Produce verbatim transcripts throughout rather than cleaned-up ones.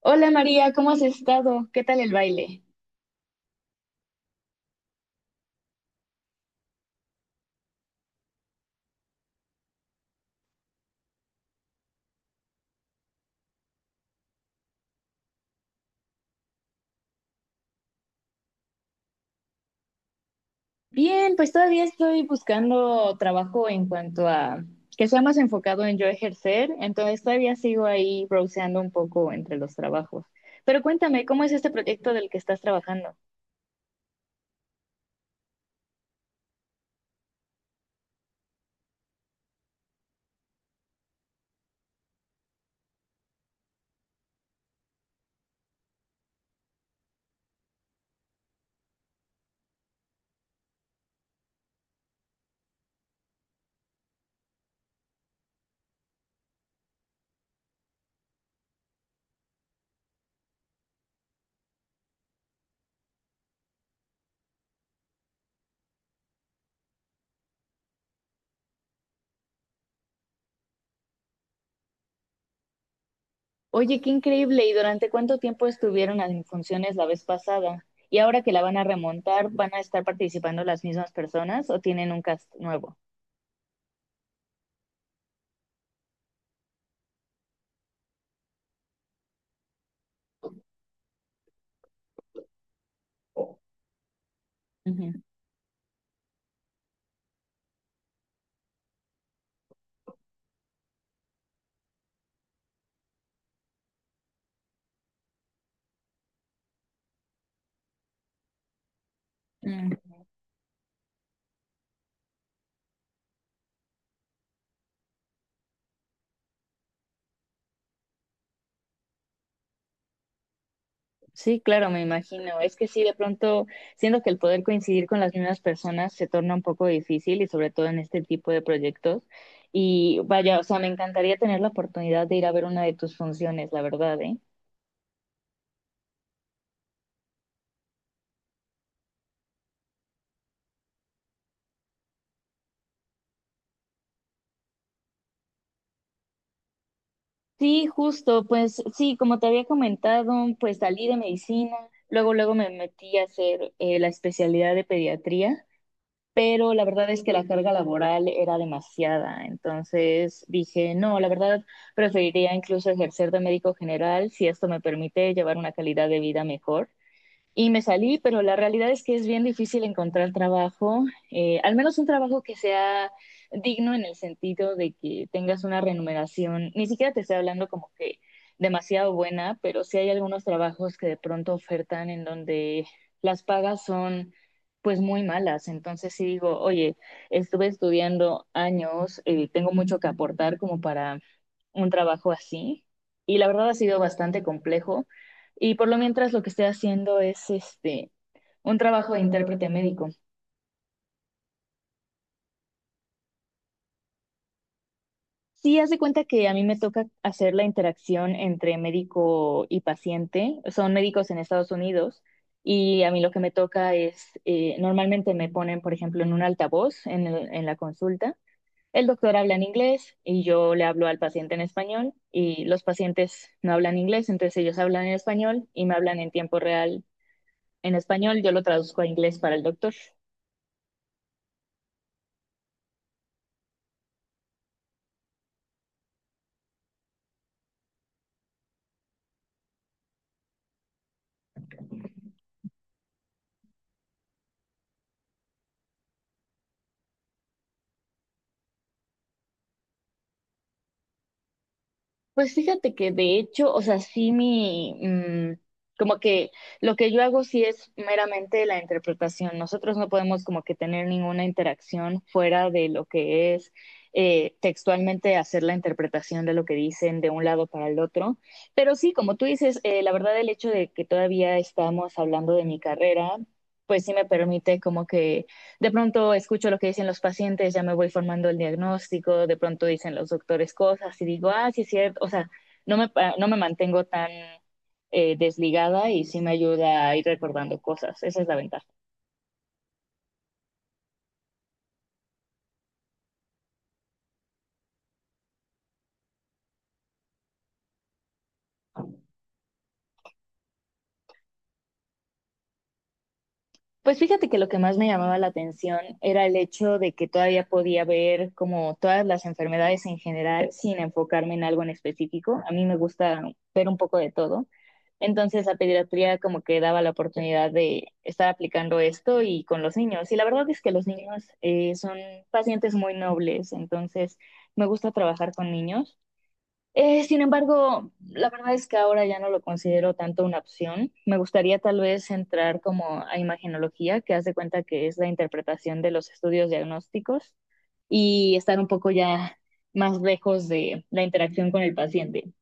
Hola María, ¿cómo has estado? ¿Qué tal el baile? Bien, pues todavía estoy buscando trabajo en cuanto a que sea más enfocado en yo ejercer, entonces todavía sigo ahí browseando un poco entre los trabajos. Pero cuéntame, ¿cómo es este proyecto del que estás trabajando? Oye, qué increíble, ¿y durante cuánto tiempo estuvieron en funciones la vez pasada? ¿Y ahora que la van a remontar, van a estar participando las mismas personas o tienen un cast nuevo? Ujú. Sí, claro, me imagino. Es que sí, de pronto, siento que el poder coincidir con las mismas personas se torna un poco difícil y sobre todo en este tipo de proyectos. Y vaya, o sea, me encantaría tener la oportunidad de ir a ver una de tus funciones, la verdad, ¿eh? Sí, justo, pues sí, como te había comentado, pues salí de medicina, luego luego me metí a hacer eh, la especialidad de pediatría, pero la verdad es que la carga laboral era demasiada. Entonces dije, no, la verdad preferiría incluso ejercer de médico general si esto me permite llevar una calidad de vida mejor, y me salí, pero la realidad es que es bien difícil encontrar trabajo, eh, al menos un trabajo que sea digno en el sentido de que tengas una remuneración, ni siquiera te estoy hablando como que demasiado buena, pero sí hay algunos trabajos que de pronto ofertan en donde las pagas son pues muy malas. Entonces sí digo, oye, estuve estudiando años, eh, tengo mucho que aportar como para un trabajo así. Y la verdad ha sido bastante complejo. Y por lo mientras lo que estoy haciendo es este un trabajo de intérprete médico. Sí, haz de cuenta que a mí me toca hacer la interacción entre médico y paciente. Son médicos en Estados Unidos, y a mí lo que me toca es, eh, normalmente me ponen, por ejemplo, en un altavoz en, el- en la consulta. El doctor habla en inglés y yo le hablo al paciente en español, y los pacientes no hablan inglés, entonces ellos hablan en español y me hablan en tiempo real en español. Yo lo traduzco a inglés para el doctor. Pues fíjate que de hecho, o sea, sí mi, mm, como que lo que yo hago sí es meramente la interpretación. Nosotros no podemos como que tener ninguna interacción fuera de lo que es eh, textualmente hacer la interpretación de lo que dicen de un lado para el otro. Pero sí, como tú dices, eh, la verdad el hecho de que todavía estamos hablando de mi carrera, pues sí me permite como que de pronto escucho lo que dicen los pacientes, ya me voy formando el diagnóstico, de pronto dicen los doctores cosas y digo, ah, sí es cierto, o sea, no me, no me mantengo tan eh, desligada, y sí me ayuda a ir recordando cosas, esa es la ventaja. Pues fíjate que lo que más me llamaba la atención era el hecho de que todavía podía ver como todas las enfermedades en general sin enfocarme en algo en específico. A mí me gusta ver un poco de todo. Entonces la pediatría como que daba la oportunidad de estar aplicando esto y con los niños. Y la verdad es que los niños eh, son pacientes muy nobles, entonces me gusta trabajar con niños. Eh, sin embargo, la verdad es que ahora ya no lo considero tanto una opción. Me gustaría tal vez entrar como a imagenología, que hace cuenta que es la interpretación de los estudios diagnósticos, y estar un poco ya más lejos de la interacción con el paciente.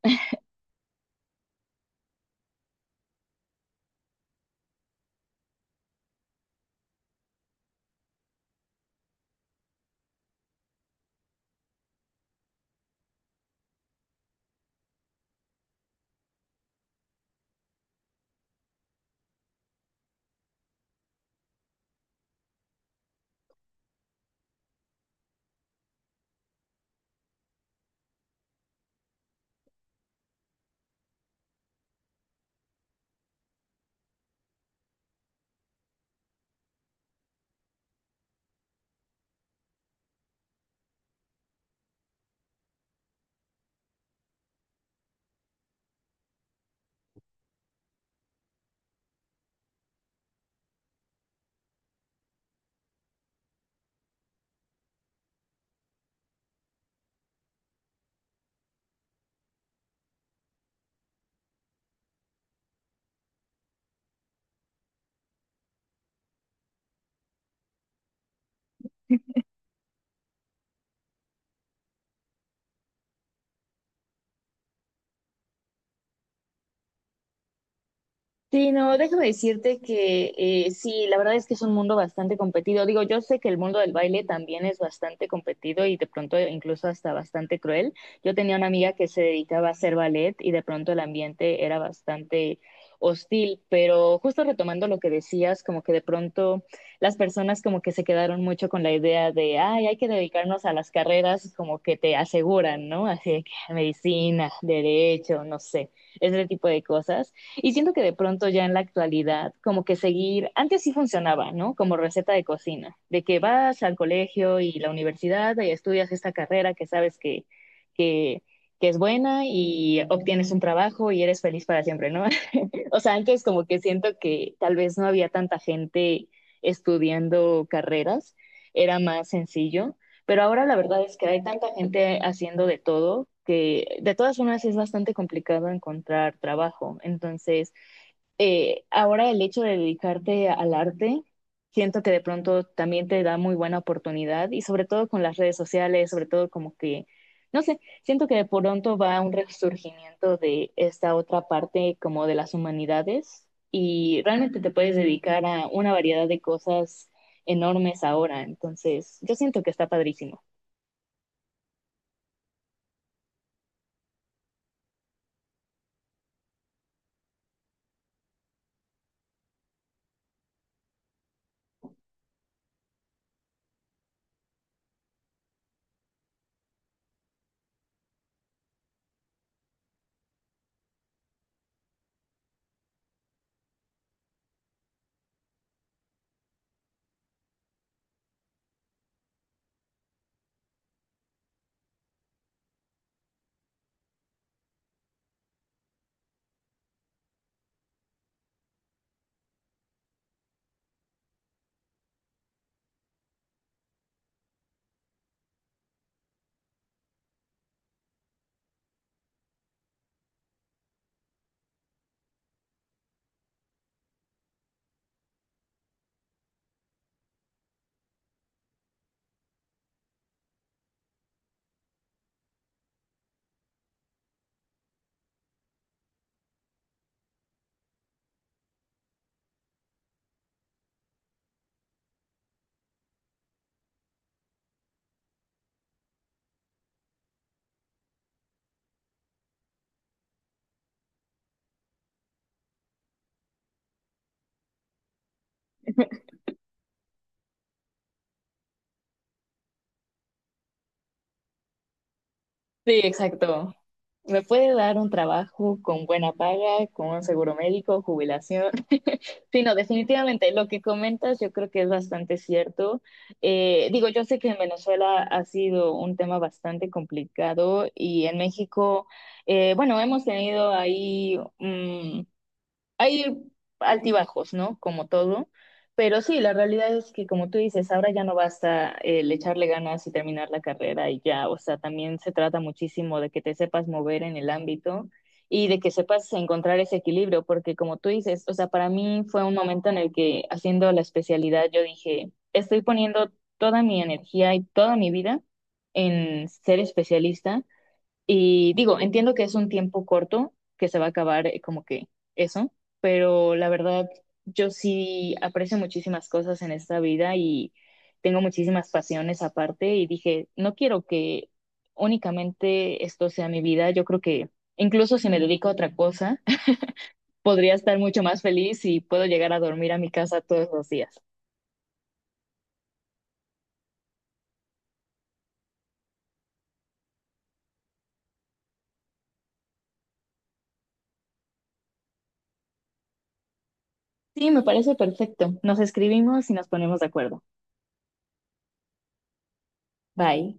Sí, no, déjame decirte que eh, sí, la verdad es que es un mundo bastante competido. Digo, yo sé que el mundo del baile también es bastante competido y de pronto incluso hasta bastante cruel. Yo tenía una amiga que se dedicaba a hacer ballet y de pronto el ambiente era bastante hostil, pero justo retomando lo que decías, como que de pronto las personas como que se quedaron mucho con la idea de, ay, hay que dedicarnos a las carreras como que te aseguran, ¿no? Así de que medicina, derecho, no sé, ese tipo de cosas. Y siento que de pronto ya en la actualidad, como que seguir, antes sí funcionaba, ¿no? Como receta de cocina, de que vas al colegio y la universidad y estudias esta carrera que sabes que, que, que es buena y obtienes un trabajo y eres feliz para siempre, ¿no? O sea, antes como que siento que tal vez no había tanta gente estudiando carreras, era más sencillo, pero ahora la verdad es que hay tanta gente haciendo de todo que de todas formas es bastante complicado encontrar trabajo. Entonces, eh, ahora el hecho de dedicarte al arte, siento que de pronto también te da muy buena oportunidad y sobre todo con las redes sociales, sobre todo como que, no sé, siento que de pronto va un resurgimiento de esta otra parte como de las humanidades, y realmente te puedes dedicar a una variedad de cosas enormes ahora, entonces yo siento que está padrísimo. Sí, exacto. Me puede dar un trabajo con buena paga, con un seguro médico, jubilación. Sí, no, definitivamente lo que comentas yo creo que es bastante cierto. Eh, digo, yo sé que en Venezuela ha sido un tema bastante complicado, y en México, eh, bueno, hemos tenido ahí mm, hay altibajos, ¿no? Como todo. Pero sí, la realidad es que, como tú dices, ahora ya no basta el echarle ganas y terminar la carrera y ya, o sea, también se trata muchísimo de que te sepas mover en el ámbito y de que sepas encontrar ese equilibrio, porque como tú dices, o sea, para mí fue un momento en el que haciendo la especialidad yo dije, estoy poniendo toda mi energía y toda mi vida en ser especialista, y digo, entiendo que es un tiempo corto, que se va a acabar eh, como que eso, pero la verdad, yo sí aprecio muchísimas cosas en esta vida y tengo muchísimas pasiones aparte, y dije, no quiero que únicamente esto sea mi vida, yo creo que incluso si me dedico a otra cosa, podría estar mucho más feliz y puedo llegar a dormir a mi casa todos los días. Sí, me parece perfecto. Nos escribimos y nos ponemos de acuerdo. Bye.